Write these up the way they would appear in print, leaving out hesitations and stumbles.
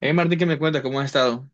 Hey Martín, ¿qué me cuenta? ¿Cómo has estado?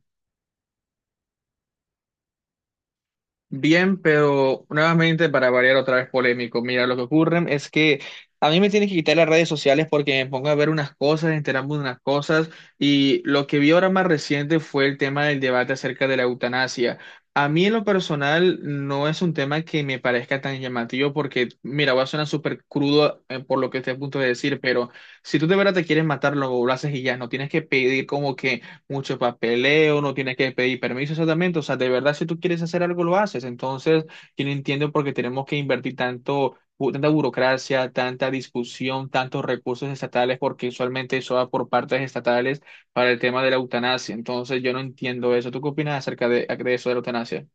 Bien, pero nuevamente para variar otra vez polémico. Mira, lo que ocurre es que a mí me tienen que quitar las redes sociales porque me pongo a ver unas cosas, enterarme de unas cosas y lo que vi ahora más reciente fue el tema del debate acerca de la eutanasia. A mí en lo personal no es un tema que me parezca tan llamativo porque, mira, va a sonar súper crudo por lo que estoy a punto de decir, pero si tú de verdad te quieres matar, lo haces y ya, no tienes que pedir como que mucho papeleo, no tienes que pedir permiso exactamente, o sea, de verdad si tú quieres hacer algo lo haces, entonces yo no entiendo por qué tenemos que invertir tanto, tanta burocracia, tanta discusión, tantos recursos estatales, porque usualmente eso va por partes estatales para el tema de la eutanasia, entonces yo no entiendo eso, ¿tú qué opinas acerca de eso de la eutanasia?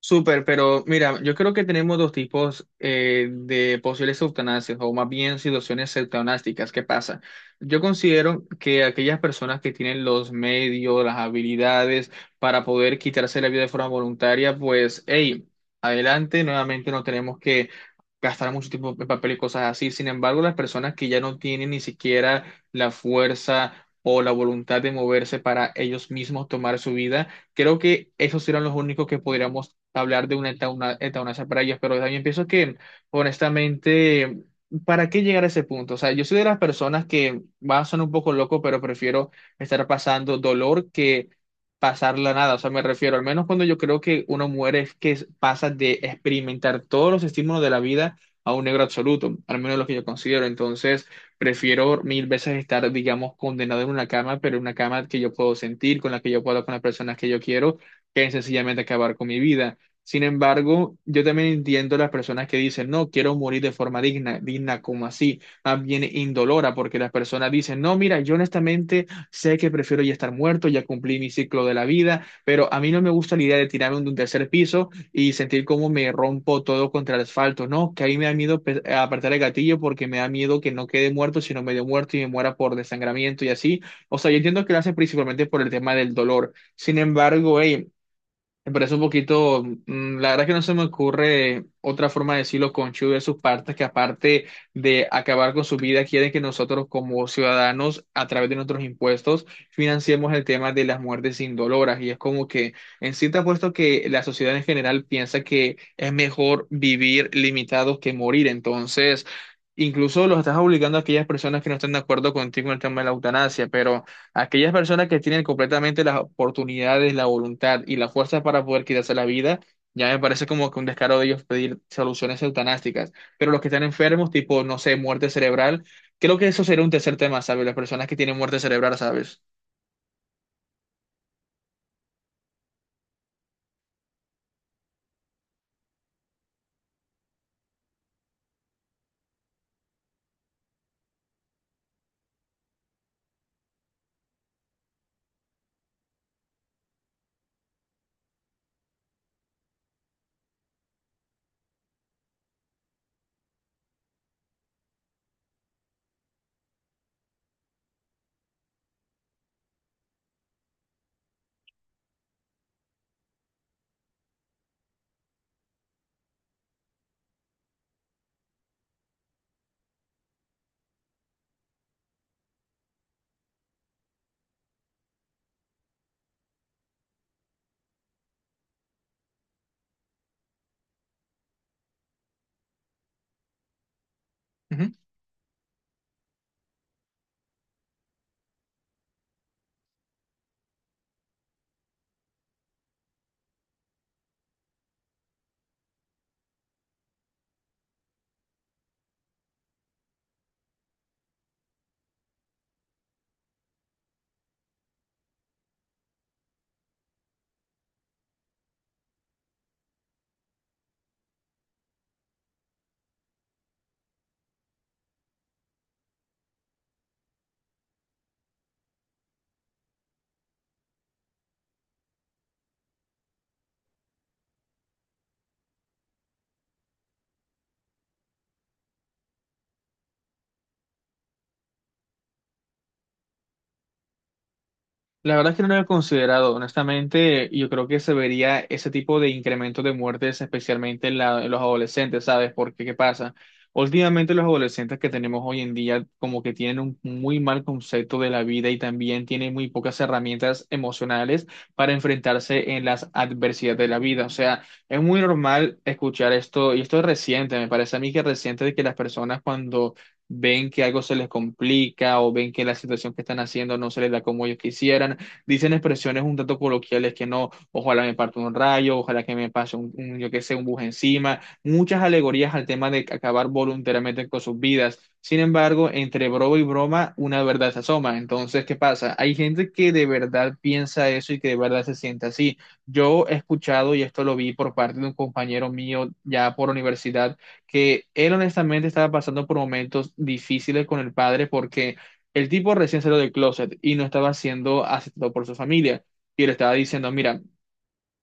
Súper, pero mira, yo creo que tenemos dos tipos de posibles eutanasias, o más bien situaciones eutanásticas. ¿Qué pasa? Yo considero que aquellas personas que tienen los medios, las habilidades para poder quitarse la vida de forma voluntaria, pues, hey, adelante, nuevamente no tenemos que gastar mucho tiempo en papel y cosas así. Sin embargo, las personas que ya no tienen ni siquiera la fuerza o la voluntad de moverse para ellos mismos tomar su vida, creo que esos serán los únicos que podríamos hablar de una eutanasia para ellos, pero también pienso que, honestamente, ¿para qué llegar a ese punto? O sea, yo soy de las personas que va a sonar un poco loco, pero prefiero estar pasando dolor que pasarla nada. O sea, me refiero, al menos cuando yo creo que uno muere es que pasa de experimentar todos los estímulos de la vida a un negro absoluto, al menos lo que yo considero. Entonces, prefiero mil veces estar, digamos, condenado en una cama, pero en una cama que yo puedo sentir, con la que yo puedo, hablar con las personas que yo quiero, que sencillamente acabar con mi vida. Sin embargo, yo también entiendo las personas que dicen, no, quiero morir de forma digna, digna como así, más bien indolora, porque las personas dicen, no, mira, yo honestamente sé que prefiero ya estar muerto, ya cumplí mi ciclo de la vida, pero a mí no me gusta la idea de tirarme de un tercer piso y sentir cómo me rompo todo contra el asfalto, no, que ahí me da miedo apretar el gatillo porque me da miedo que no quede muerto, sino medio muerto y me muera por desangramiento y así. O sea, yo entiendo que lo hacen principalmente por el tema del dolor. Sin embargo, hey, me parece un poquito, la verdad que no se me ocurre otra forma de decirlo conchudo de sus partes, que aparte de acabar con su vida, quieren que nosotros como ciudadanos, a través de nuestros impuestos, financiemos el tema de las muertes indoloras. Y es como que, en sí te apuesto que la sociedad en general piensa que es mejor vivir limitados que morir. Entonces, incluso los estás obligando a aquellas personas que no están de acuerdo contigo en el tema de la eutanasia, pero... Aquellas personas que tienen completamente las oportunidades, la voluntad y la fuerza para poder quitarse la vida, ya me parece como que un descaro de ellos pedir soluciones eutanásticas. Pero los que están enfermos, tipo, no sé, muerte cerebral, creo que eso sería un tercer tema, ¿sabes? Las personas que tienen muerte cerebral, ¿sabes? La verdad es que no lo había considerado, honestamente, yo creo que se vería ese tipo de incremento de muertes, especialmente en, en los adolescentes, ¿sabes? Porque, ¿qué pasa? Últimamente los adolescentes que tenemos hoy en día como que tienen un muy mal concepto de la vida y también tienen muy pocas herramientas emocionales para enfrentarse en las adversidades de la vida. O sea, es muy normal escuchar esto, y esto es reciente, me parece a mí que es reciente de que las personas cuando ven que algo se les complica o ven que la situación que están haciendo no se les da como ellos quisieran, dicen expresiones un tanto coloquiales que no, ojalá me parta un rayo, ojalá que me pase un, yo qué sé, un bus encima, muchas alegorías al tema de acabar voluntariamente con sus vidas. Sin embargo, entre broma y broma, una verdad se asoma. Entonces, ¿qué pasa? Hay gente que de verdad piensa eso y que de verdad se siente así. Yo he escuchado, y esto lo vi por parte de un compañero mío ya por universidad, que él honestamente estaba pasando por momentos difíciles con el padre porque el tipo recién salió del closet y no estaba siendo aceptado por su familia. Y le estaba diciendo, mira,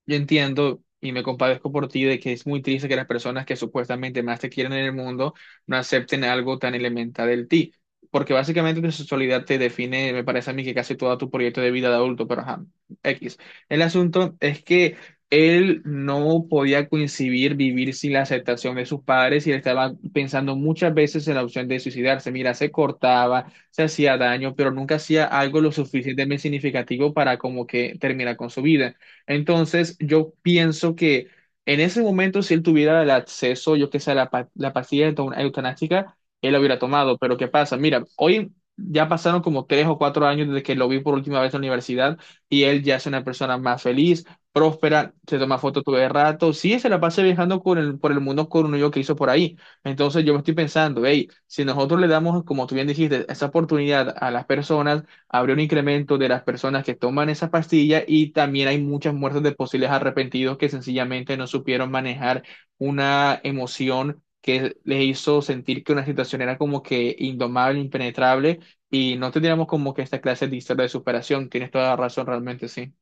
yo entiendo y me compadezco por ti de que es muy triste que las personas que supuestamente más te quieren en el mundo no acepten algo tan elemental del ti, porque básicamente tu sexualidad te define, me parece a mí, que casi todo tu proyecto de vida de adulto, pero ajá, X. El asunto es que él no podía coincidir vivir sin la aceptación de sus padres y él estaba pensando muchas veces en la opción de suicidarse. Mira, se cortaba, se hacía daño, pero nunca hacía algo lo suficientemente significativo para como que terminar con su vida. Entonces, yo pienso que en ese momento, si él tuviera el acceso, yo que sé, a la, la pastilla eutanásica, él la hubiera tomado. Pero ¿qué pasa? Mira, hoy ya pasaron como tres o cuatro años desde que lo vi por última vez en la universidad y él ya es una persona más feliz, próspera, se toma fotos todo el rato. Sí, se la pasa viajando con por el mundo con un yo que hizo por ahí. Entonces, yo me estoy pensando, hey, si nosotros le damos, como tú bien dijiste, esa oportunidad a las personas, habría un incremento de las personas que toman esa pastilla y también hay muchas muertes de posibles arrepentidos que sencillamente no supieron manejar una emoción que les hizo sentir que una situación era como que indomable, impenetrable y no tendríamos como que esta clase de historia de superación. Tienes toda la razón, realmente sí.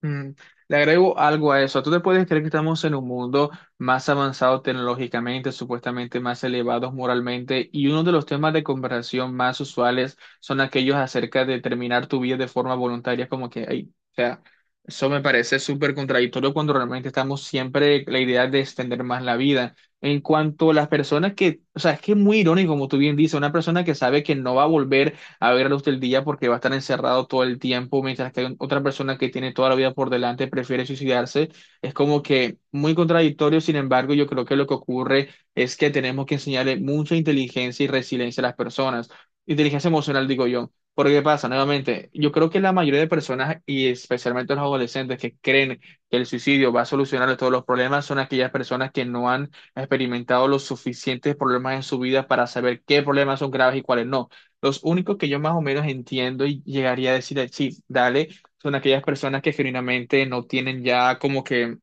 Mm, le agrego algo a eso. ¿Tú te puedes creer que estamos en un mundo más avanzado tecnológicamente, supuestamente más elevados moralmente? Y uno de los temas de conversación más usuales son aquellos acerca de terminar tu vida de forma voluntaria, como que, ay, o sea, eso me parece súper contradictorio cuando realmente estamos siempre la idea de extender más la vida. En cuanto a las personas que, o sea, es que es muy irónico, como tú bien dices, una persona que sabe que no va a volver a ver a luz del día porque va a estar encerrado todo el tiempo, mientras que hay otra persona que tiene toda la vida por delante prefiere suicidarse. Es como que muy contradictorio, sin embargo, yo creo que lo que ocurre es que tenemos que enseñarle mucha inteligencia y resiliencia a las personas. Inteligencia emocional, digo yo. Porque ¿qué pasa? Nuevamente, yo creo que la mayoría de personas, y especialmente los adolescentes que creen que el suicidio va a solucionar todos los problemas, son aquellas personas que no han experimentado los suficientes problemas en su vida para saber qué problemas son graves y cuáles no. Los únicos que yo más o menos entiendo y llegaría a decir, sí, dale, son aquellas personas que genuinamente no tienen ya como que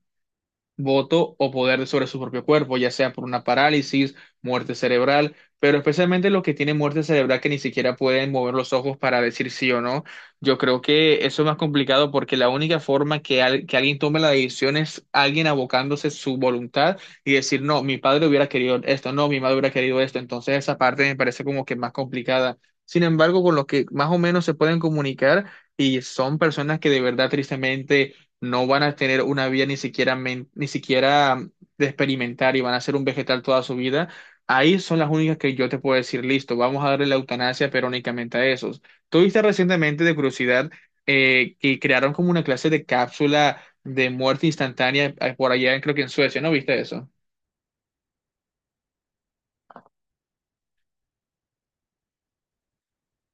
voto o poder sobre su propio cuerpo, ya sea por una parálisis, muerte cerebral, pero especialmente los que tienen muerte cerebral que ni siquiera pueden mover los ojos para decir sí o no. Yo creo que eso es más complicado porque la única forma que, que alguien tome la decisión es alguien abocándose su voluntad y decir, no, mi padre hubiera querido esto, no, mi madre hubiera querido esto. Entonces esa parte me parece como que más complicada. Sin embargo, con los que más o menos se pueden comunicar y son personas que de verdad tristemente no van a tener una vida ni siquiera, ni siquiera de experimentar y van a ser un vegetal toda su vida, ahí son las únicas que yo te puedo decir, listo, vamos a darle la eutanasia, pero únicamente a esos. Tuviste recientemente de curiosidad que crearon como una clase de cápsula de muerte instantánea por allá, creo que en Suecia, ¿no viste eso?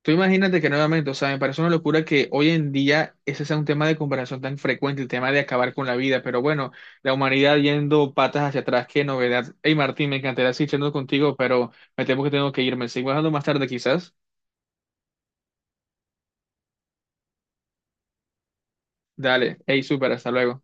Tú imagínate que nuevamente, o sea, me parece una locura que hoy en día ese sea un tema de comparación tan frecuente, el tema de acabar con la vida, pero bueno, la humanidad yendo patas hacia atrás, qué novedad. Hey Martín, me encantaría seguir charlando contigo, pero me temo que tengo que irme. Sigo hablando más tarde quizás. Dale, hey, súper, hasta luego.